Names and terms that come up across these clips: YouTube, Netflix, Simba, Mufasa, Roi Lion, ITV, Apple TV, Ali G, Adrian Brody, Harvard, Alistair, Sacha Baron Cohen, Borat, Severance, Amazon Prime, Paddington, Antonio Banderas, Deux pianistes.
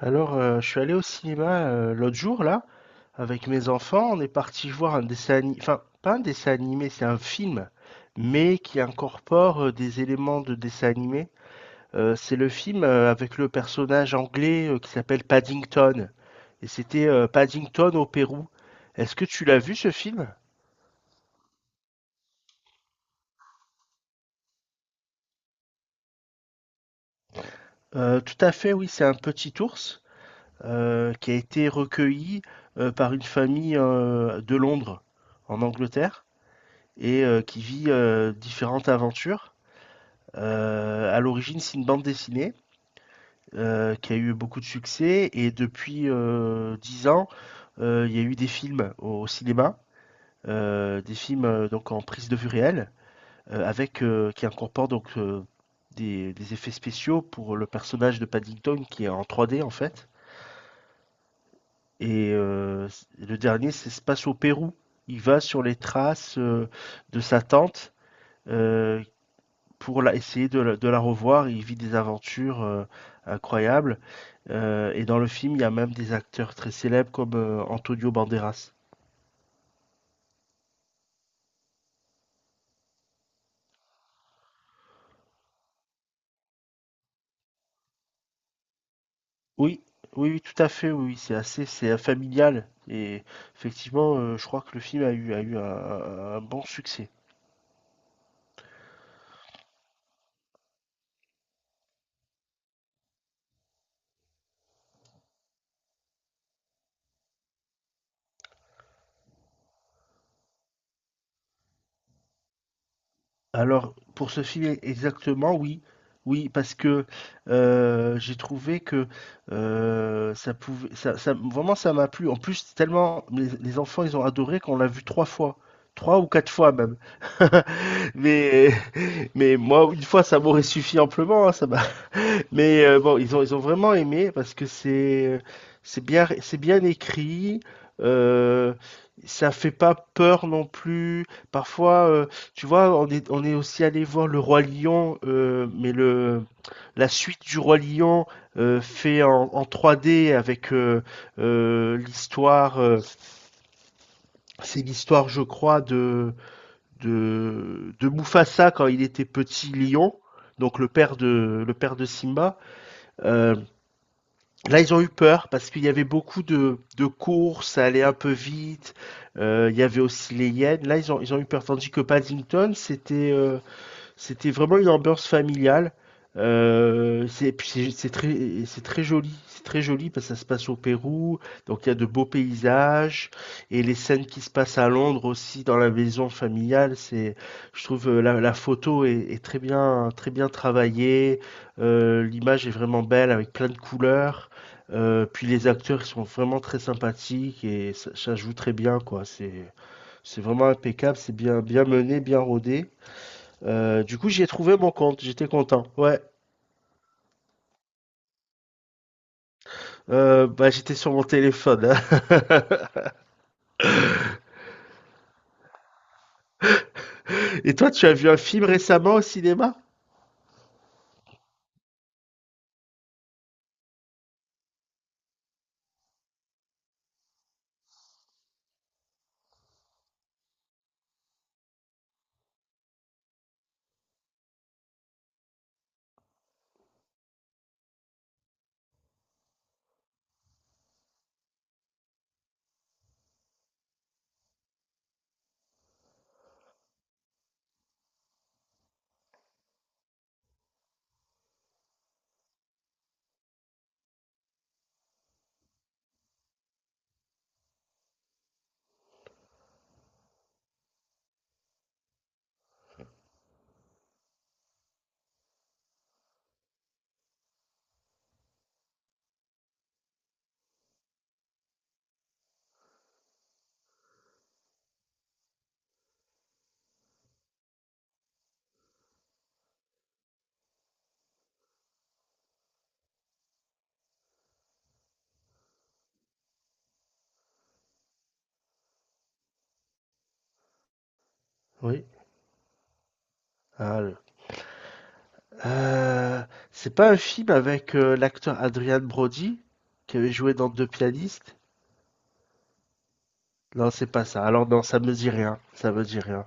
Alors, je suis allé au cinéma l'autre jour, là, avec mes enfants. On est parti voir un dessin animé, enfin, pas un dessin animé, c'est un film, mais qui incorpore des éléments de dessin animé. C'est le film avec le personnage anglais qui s'appelle Paddington. Et c'était Paddington au Pérou. Est-ce que tu l'as vu, ce film? Tout à fait, oui, c'est un petit ours qui a été recueilli par une famille de Londres, en Angleterre. Et qui vit différentes aventures. À l'origine, c'est une bande dessinée qui a eu beaucoup de succès, et depuis 10 ans, il y a eu des films au cinéma, des films donc en prise de vue réelle, avec, qui incorporent donc des effets spéciaux pour le personnage de Paddington, qui est en 3D en fait. Et le dernier, c'est, se passe au Pérou. Il va sur les traces de sa tante euh, pour essayer de la revoir. Il vit des aventures incroyables. Et dans le film, il y a même des acteurs très célèbres, comme Antonio Banderas. Oui, oui, oui, tout à fait, oui, oui, c'est assez, c'est familial. Et effectivement, je crois que le film a eu un bon succès. Alors, pour ce film e exactement, oui. Oui, parce que, j'ai trouvé que, ça pouvait ça ça vraiment ça m'a plu. En plus, tellement les enfants, ils ont adoré qu'on l'a vu 3 fois, trois ou 4 fois même. Mais mais moi, une fois, ça m'aurait suffi amplement, hein, ça m'a mais bon, ils ont vraiment aimé, parce que c'est bien, c'est bien écrit. Euh, Ça fait pas peur non plus. Parfois, tu vois, on est aussi allé voir le Roi Lion, mais le la suite du Roi Lion, fait en 3D, avec l'histoire. C'est l'histoire, je crois, de Mufasa quand il était petit lion. Donc le père de Simba. Euh, Là, ils ont eu peur parce qu'il y avait beaucoup de courses, ça allait un peu vite. Il y avait aussi les Yens. Là, ils ont eu peur. Tandis que Paddington, c'était vraiment une ambiance familiale. C'est très joli, c'est très joli parce que ça se passe au Pérou, donc il y a de beaux paysages, et les scènes qui se passent à Londres aussi, dans la maison familiale, c'est je trouve, la photo est très bien, très bien travaillée, l'image est vraiment belle avec plein de couleurs, puis les acteurs, ils sont vraiment très sympathiques, et ça joue très bien quoi, c'est vraiment impeccable, c'est bien bien mené, bien rodé. Du coup, j'y ai trouvé mon compte, j'étais content. Ouais. Bah, j'étais sur mon téléphone, hein. Et toi, tu as vu un film récemment au cinéma? Oui. Ah, Euh, c'est pas un film avec l'acteur Adrian Brody qui avait joué dans Deux pianistes? Non, c'est pas ça. Alors non, ça me dit rien. Ça me dit rien.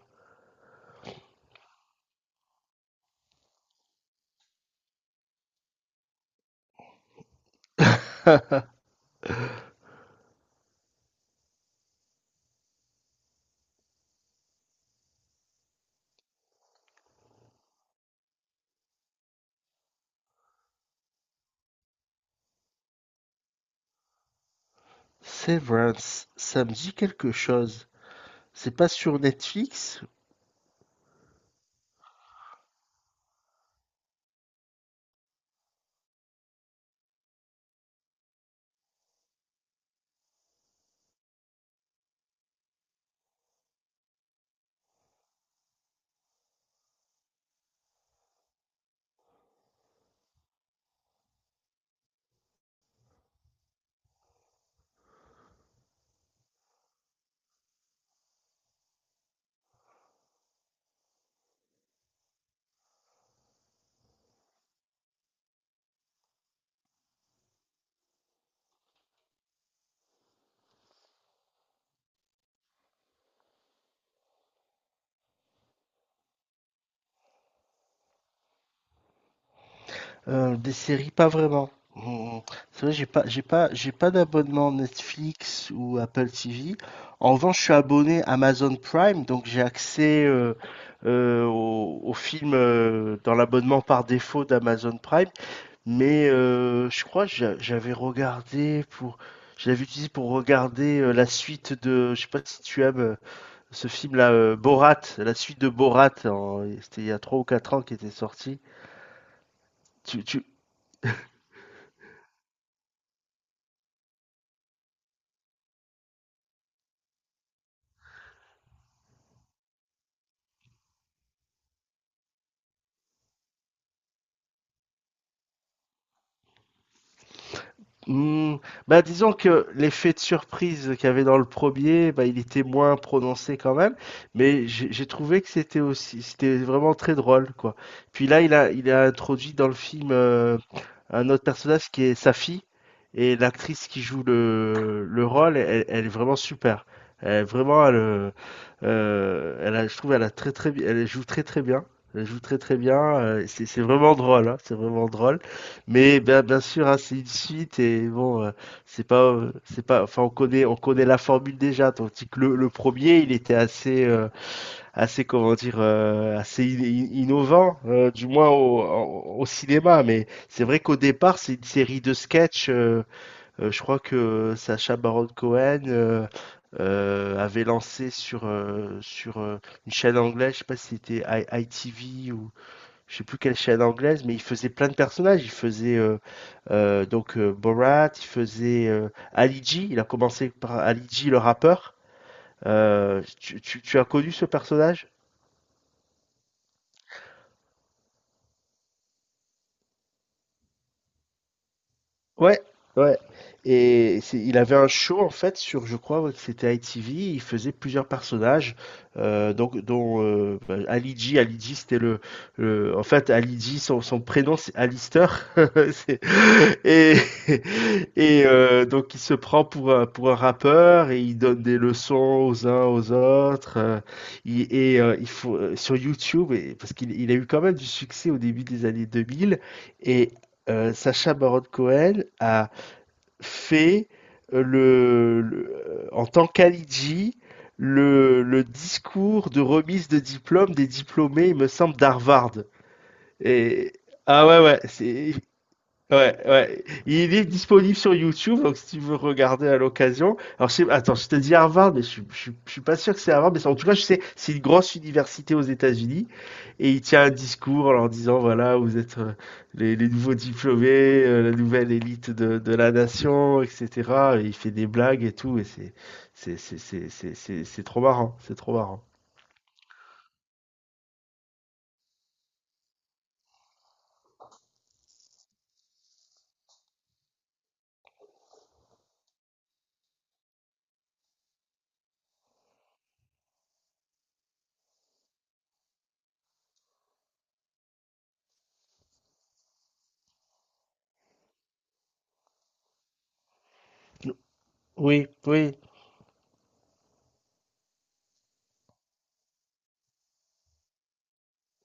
Severance, ça me dit quelque chose. C'est pas sur Netflix? Des séries, pas vraiment. Mmh. C'est vrai, j'ai pas d'abonnement Netflix ou Apple TV. En revanche, je suis abonné Amazon Prime, donc j'ai accès, aux films, dans l'abonnement par défaut d'Amazon Prime. Mais, je crois que j'avais regardé pour, je l'avais utilisé pour regarder, la suite de, je sais pas si tu aimes, ce film-là, Borat, la suite de Borat en c'était il y a 3 ou 4 ans qui était sorti. Tu... Mmh, bah, disons que l'effet de surprise qu'il y avait dans le premier, bah, il était moins prononcé quand même, mais j'ai trouvé que c'était aussi, c'était vraiment très drôle, quoi. Puis là, il a introduit dans le film un autre personnage qui est sa fille, et l'actrice qui joue le rôle, elle, elle est vraiment super. Elle, vraiment, elle, je trouve, elle a très très, elle joue très très bien. Elle joue très très bien. C'est vraiment drôle, hein, c'est vraiment drôle. Mais bien, bien sûr, hein, c'est une suite, et bon, c'est pas, enfin, on connaît la formule déjà. Tandis que le premier, il était assez, assez, comment dire, assez innovant, du moins au cinéma. Mais c'est vrai qu'au départ, c'est une série de sketchs. Je crois que Sacha Baron Cohen avait lancé sur une chaîne anglaise, je sais pas si c'était ITV, je sais plus quelle chaîne anglaise, mais il faisait plein de personnages. Il faisait donc Borat, il faisait Ali G. Il a commencé par Ali G, le rappeur. Tu as connu ce personnage? Ouais, ouais. Et c'est il avait un show en fait sur, je crois, ouais, que c'était ITV, il faisait plusieurs personnages, donc dont bah, Ali G, Ali G en fait, Ali G, son prénom c'est Alistair. C'est- et, donc il se prend pour, pour un rappeur, et il donne des leçons aux uns aux autres, il faut, sur YouTube, et, parce qu'il a eu quand même du succès au début des années 2000, et, Sacha Baron Cohen a fait en tant qu'Alidji le discours de remise de diplôme des diplômés, il me semble, d'Harvard. Et ah, ouais, ouais, c'est... Ouais, ouais. Il est disponible sur YouTube, donc si tu veux regarder à l'occasion. Alors, je sais, attends, je te dis Harvard, mais je suis pas sûr que c'est Harvard, mais en tout cas, je sais, c'est une grosse université aux États-Unis, et il tient un discours en leur disant, voilà, vous êtes les nouveaux diplômés, la nouvelle élite de la nation, etc. Et il fait des blagues et tout, et c'est, c'est trop marrant, c'est trop marrant. Oui, oui,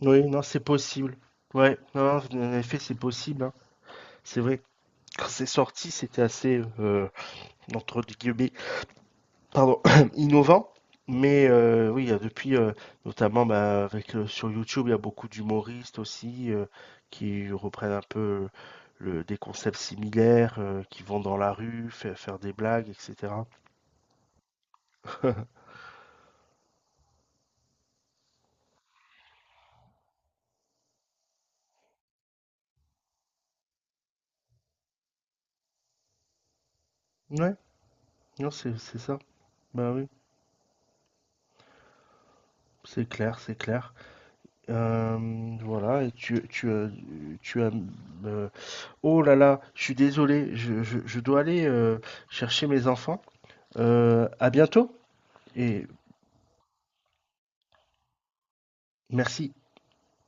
oui, non, c'est possible. Ouais, non, en effet, c'est possible, hein. C'est vrai. Quand c'est sorti, c'était assez, entre guillemets, pardon, innovant. Mais oui, depuis, notamment bah, avec, sur YouTube, il y a beaucoup d'humoristes aussi qui reprennent un peu des concepts similaires, qui vont dans la rue, faire des blagues, etc. Ouais, non, c'est ça. Bah oui, c'est clair, c'est clair. Euh, voilà, et tu as... euh, oh là là, je suis désolé, je dois aller chercher mes enfants. À bientôt et merci.